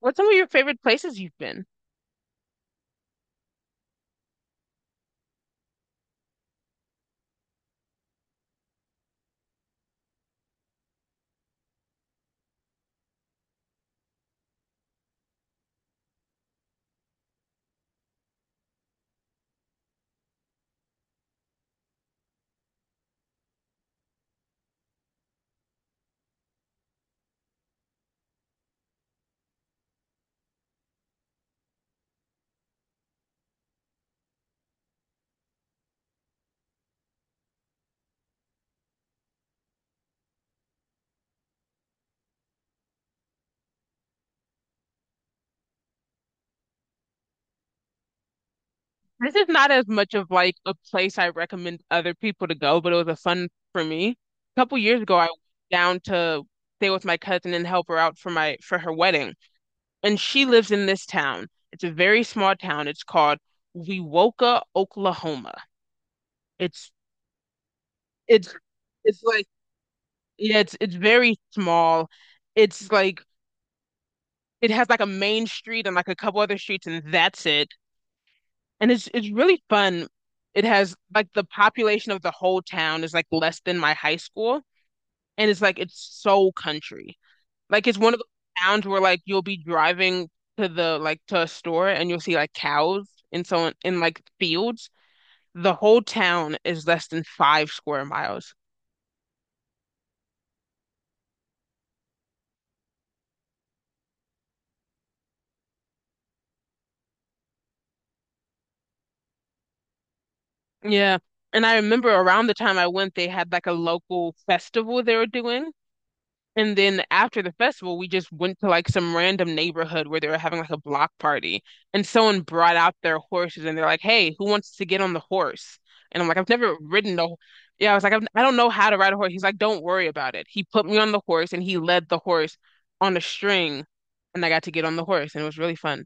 What's some of your favorite places you've been? This is not as much of like a place I recommend other people to go, but it was a fun for me. A couple years ago, I went down to stay with my cousin and help her out for my for her wedding. And she lives in this town. It's a very small town. It's called Wewoka, Oklahoma. It's it's it's like, yeah, it's very small. It's like it has like a main street and like a couple other streets and that's it. And it's really fun. It has like the population of the whole town is like less than my high school, and it's like it's so country. Like it's one of those towns where like you'll be driving to the like to a store and you'll see like cows and so on in like fields. The whole town is less than five square miles. Yeah. And I remember around the time I went, they had like a local festival they were doing. And then after the festival, we just went to like some random neighborhood where they were having like a block party. And someone brought out their horses and they're like, "Hey, who wants to get on the horse?" And I'm like, I've never ridden a, yeah, I was like, I don't know how to ride a horse. He's like, don't worry about it. He put me on the horse and he led the horse on a string and I got to get on the horse and it was really fun.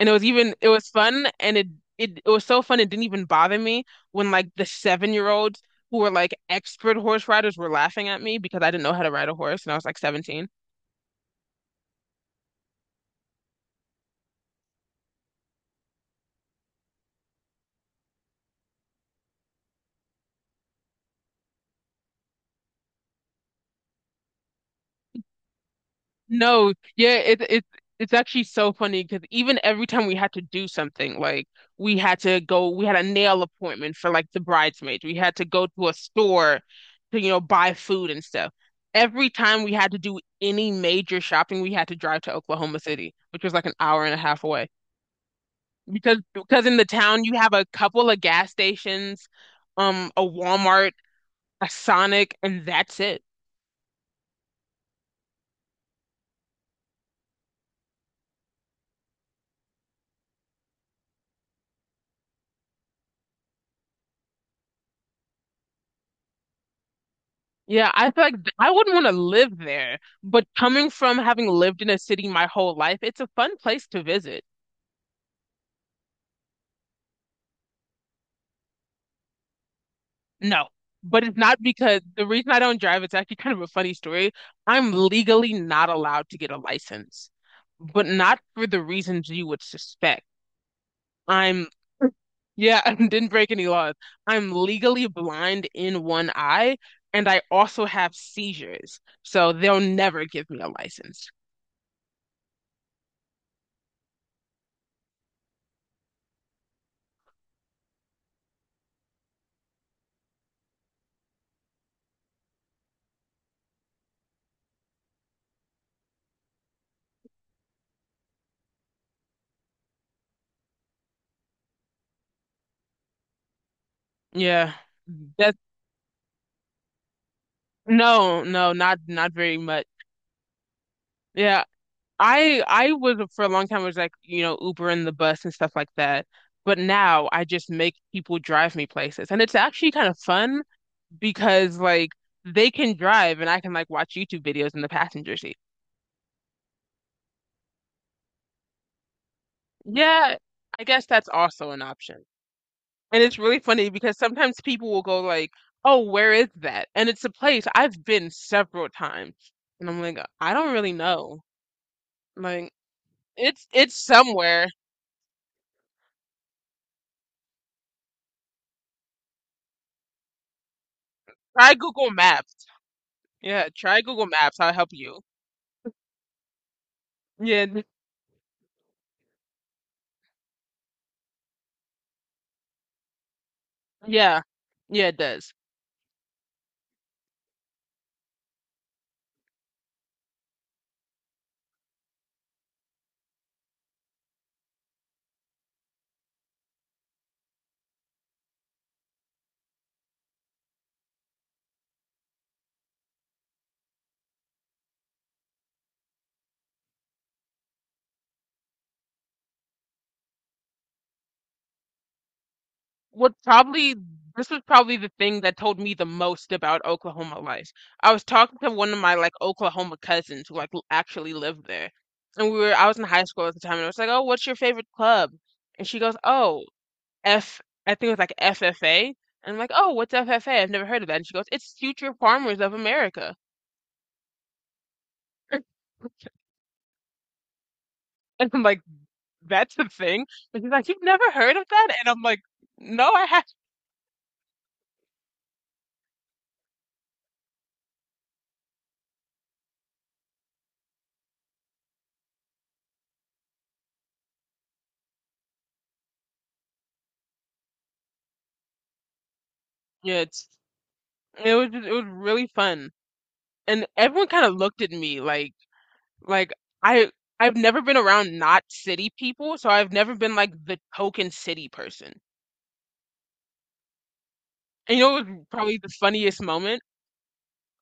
And it was fun and it was so fun. It didn't even bother me when like the seven-year-old who were like expert horse riders were laughing at me because I didn't know how to ride a horse and I was like 17. No, yeah, it it's actually so funny because even every time we had to do something, like we had a nail appointment for like the bridesmaids. We had to go to a store to, you know, buy food and stuff. Every time we had to do any major shopping, we had to drive to Oklahoma City, which was like an hour and a half away. Because in the town you have a couple of gas stations, a Walmart, a Sonic, and that's it. Yeah, I feel like I wouldn't want to live there, but coming from having lived in a city my whole life, it's a fun place to visit. No, but it's not because the reason I don't drive, it's actually kind of a funny story. I'm legally not allowed to get a license, but not for the reasons you would suspect. I'm yeah, I didn't break any laws. I'm legally blind in one eye, and I also have seizures, so they'll never give me a license. Yeah. That's no, no, not not very much. Yeah. I was for a long time was like, you know, Uber and the bus and stuff like that. But now I just make people drive me places. And it's actually kind of fun because like they can drive and I can like watch YouTube videos in the passenger seat. Yeah, I guess that's also an option. And it's really funny because sometimes people will go like, "Oh, where is that?" And it's a place I've been several times. And I'm like, "I don't really know." Like it's somewhere. Try Google Maps. Yeah, try Google Maps. I'll help you. Yeah, th- yeah, yeah, it does. What probably this was probably the thing that told me the most about Oklahoma life. I was talking to one of my like Oklahoma cousins who like actually lived there, and we were I was in high school at the time, and I was like, "Oh, what's your favorite club?" And she goes, "Oh, F. I think it was like FFA." And I'm like, "Oh, what's FFA? I've never heard of that." And she goes, "It's Future Farmers of America." And I'm like, that's the thing. And she's like, you've never heard of that? And I'm like, no, I haven't. Yeah, it's, it was just, it was really fun. And everyone kind of looked at me like I I've never been around not city people, so I've never been like the token city person. And you know, it was probably the funniest moment.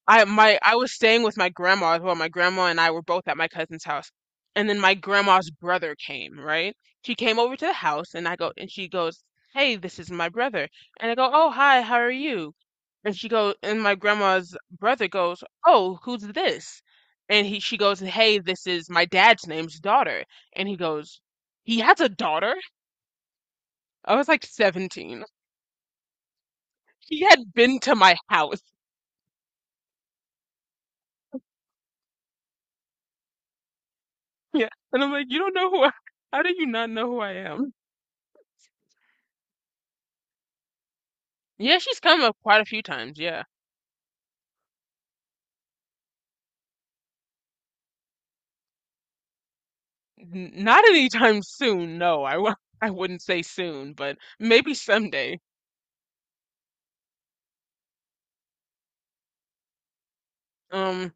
I was staying with my grandma as well. My grandma and I were both at my cousin's house. And then my grandma's brother came, right? She came over to the house and I go and she goes, "Hey, this is my brother." And I go, "Oh, hi, how are you?" And my grandma's brother goes, "Oh, who's this?" And he she goes, "Hey, this is my dad's name's daughter." And he goes, "He has a daughter?" I was like 17. He had been to my house. Yeah. And I'm like, "You don't know who I, how do you not know who I am?" Yeah, she's come up quite a few times, yeah. N not anytime soon, no. I w I wouldn't say soon, but maybe someday. Um,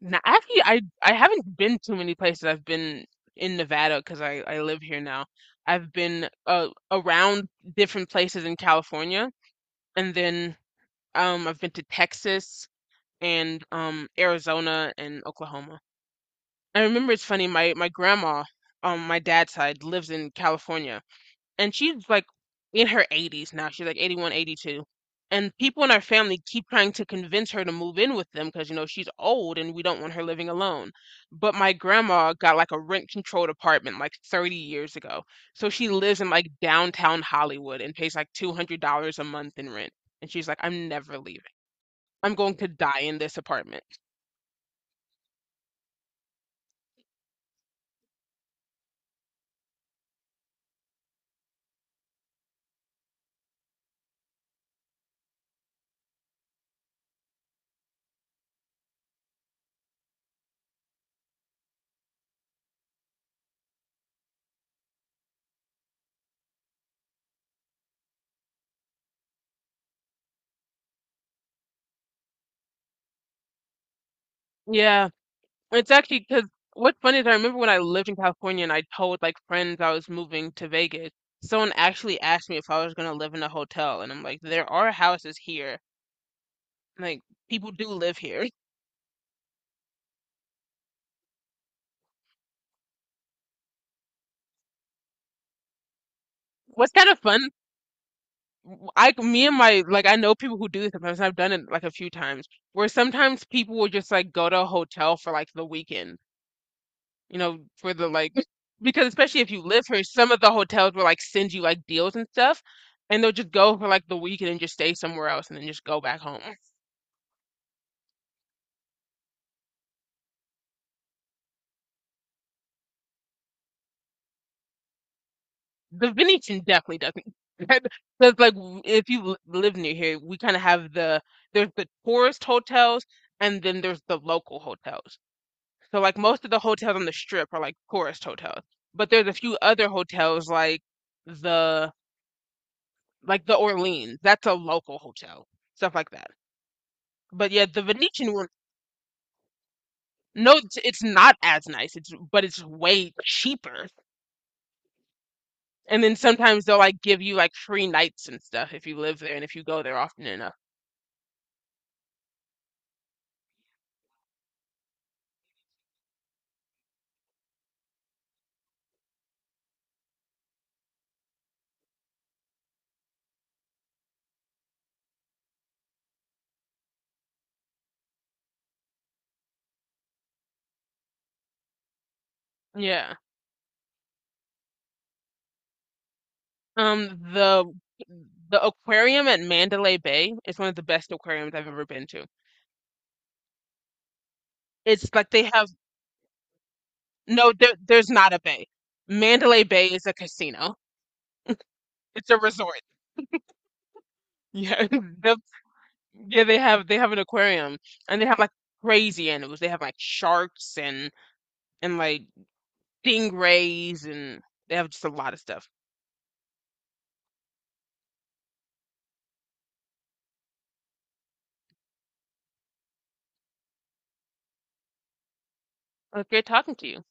now actually I haven't been too many places. I've been in Nevada because I live here now. I've been around different places in California, and then I've been to Texas and Arizona and Oklahoma. I remember it's funny, my grandma on my dad's side lives in California and she's like in her 80s now. She's like 81, 82. And people in our family keep trying to convince her to move in with them because, you know, she's old and we don't want her living alone. But my grandma got like a rent-controlled apartment like 30 years ago. So she lives in like downtown Hollywood and pays like $200 a month in rent. And she's like, I'm never leaving. I'm going to die in this apartment. Yeah. It's actually because what's funny is I remember when I lived in California and I told like friends I was moving to Vegas, someone actually asked me if I was going to live in a hotel. And I'm like, there are houses here. Like, people do live here. What's kind of fun, me and my, like, I know people who do this sometimes. I've done it like a few times where sometimes people will just like go to a hotel for like the weekend, you know, for because especially if you live here, some of the hotels will like send you like deals and stuff, and they'll just go for like the weekend and just stay somewhere else and then just go back home. The Venetian definitely doesn't. Because like if you live near here, we kind of have there's the tourist hotels and then there's the local hotels. So like most of the hotels on the strip are like tourist hotels, but there's a few other hotels like the the Orleans. That's a local hotel, stuff like that. But yeah, the Venetian, no, it's not as nice. It's but it's way cheaper. And then sometimes they'll like give you like free nights and stuff if you live there and if you go there often enough. Yeah. The the aquarium at Mandalay Bay is one of the best aquariums I've ever been to. It's like they have, no, there's not a bay. Mandalay Bay is a casino. It's a resort. Yeah, yeah, they have an aquarium and they have like crazy animals. They have like sharks and like stingrays, and they have just a lot of stuff. It's was great talking to you.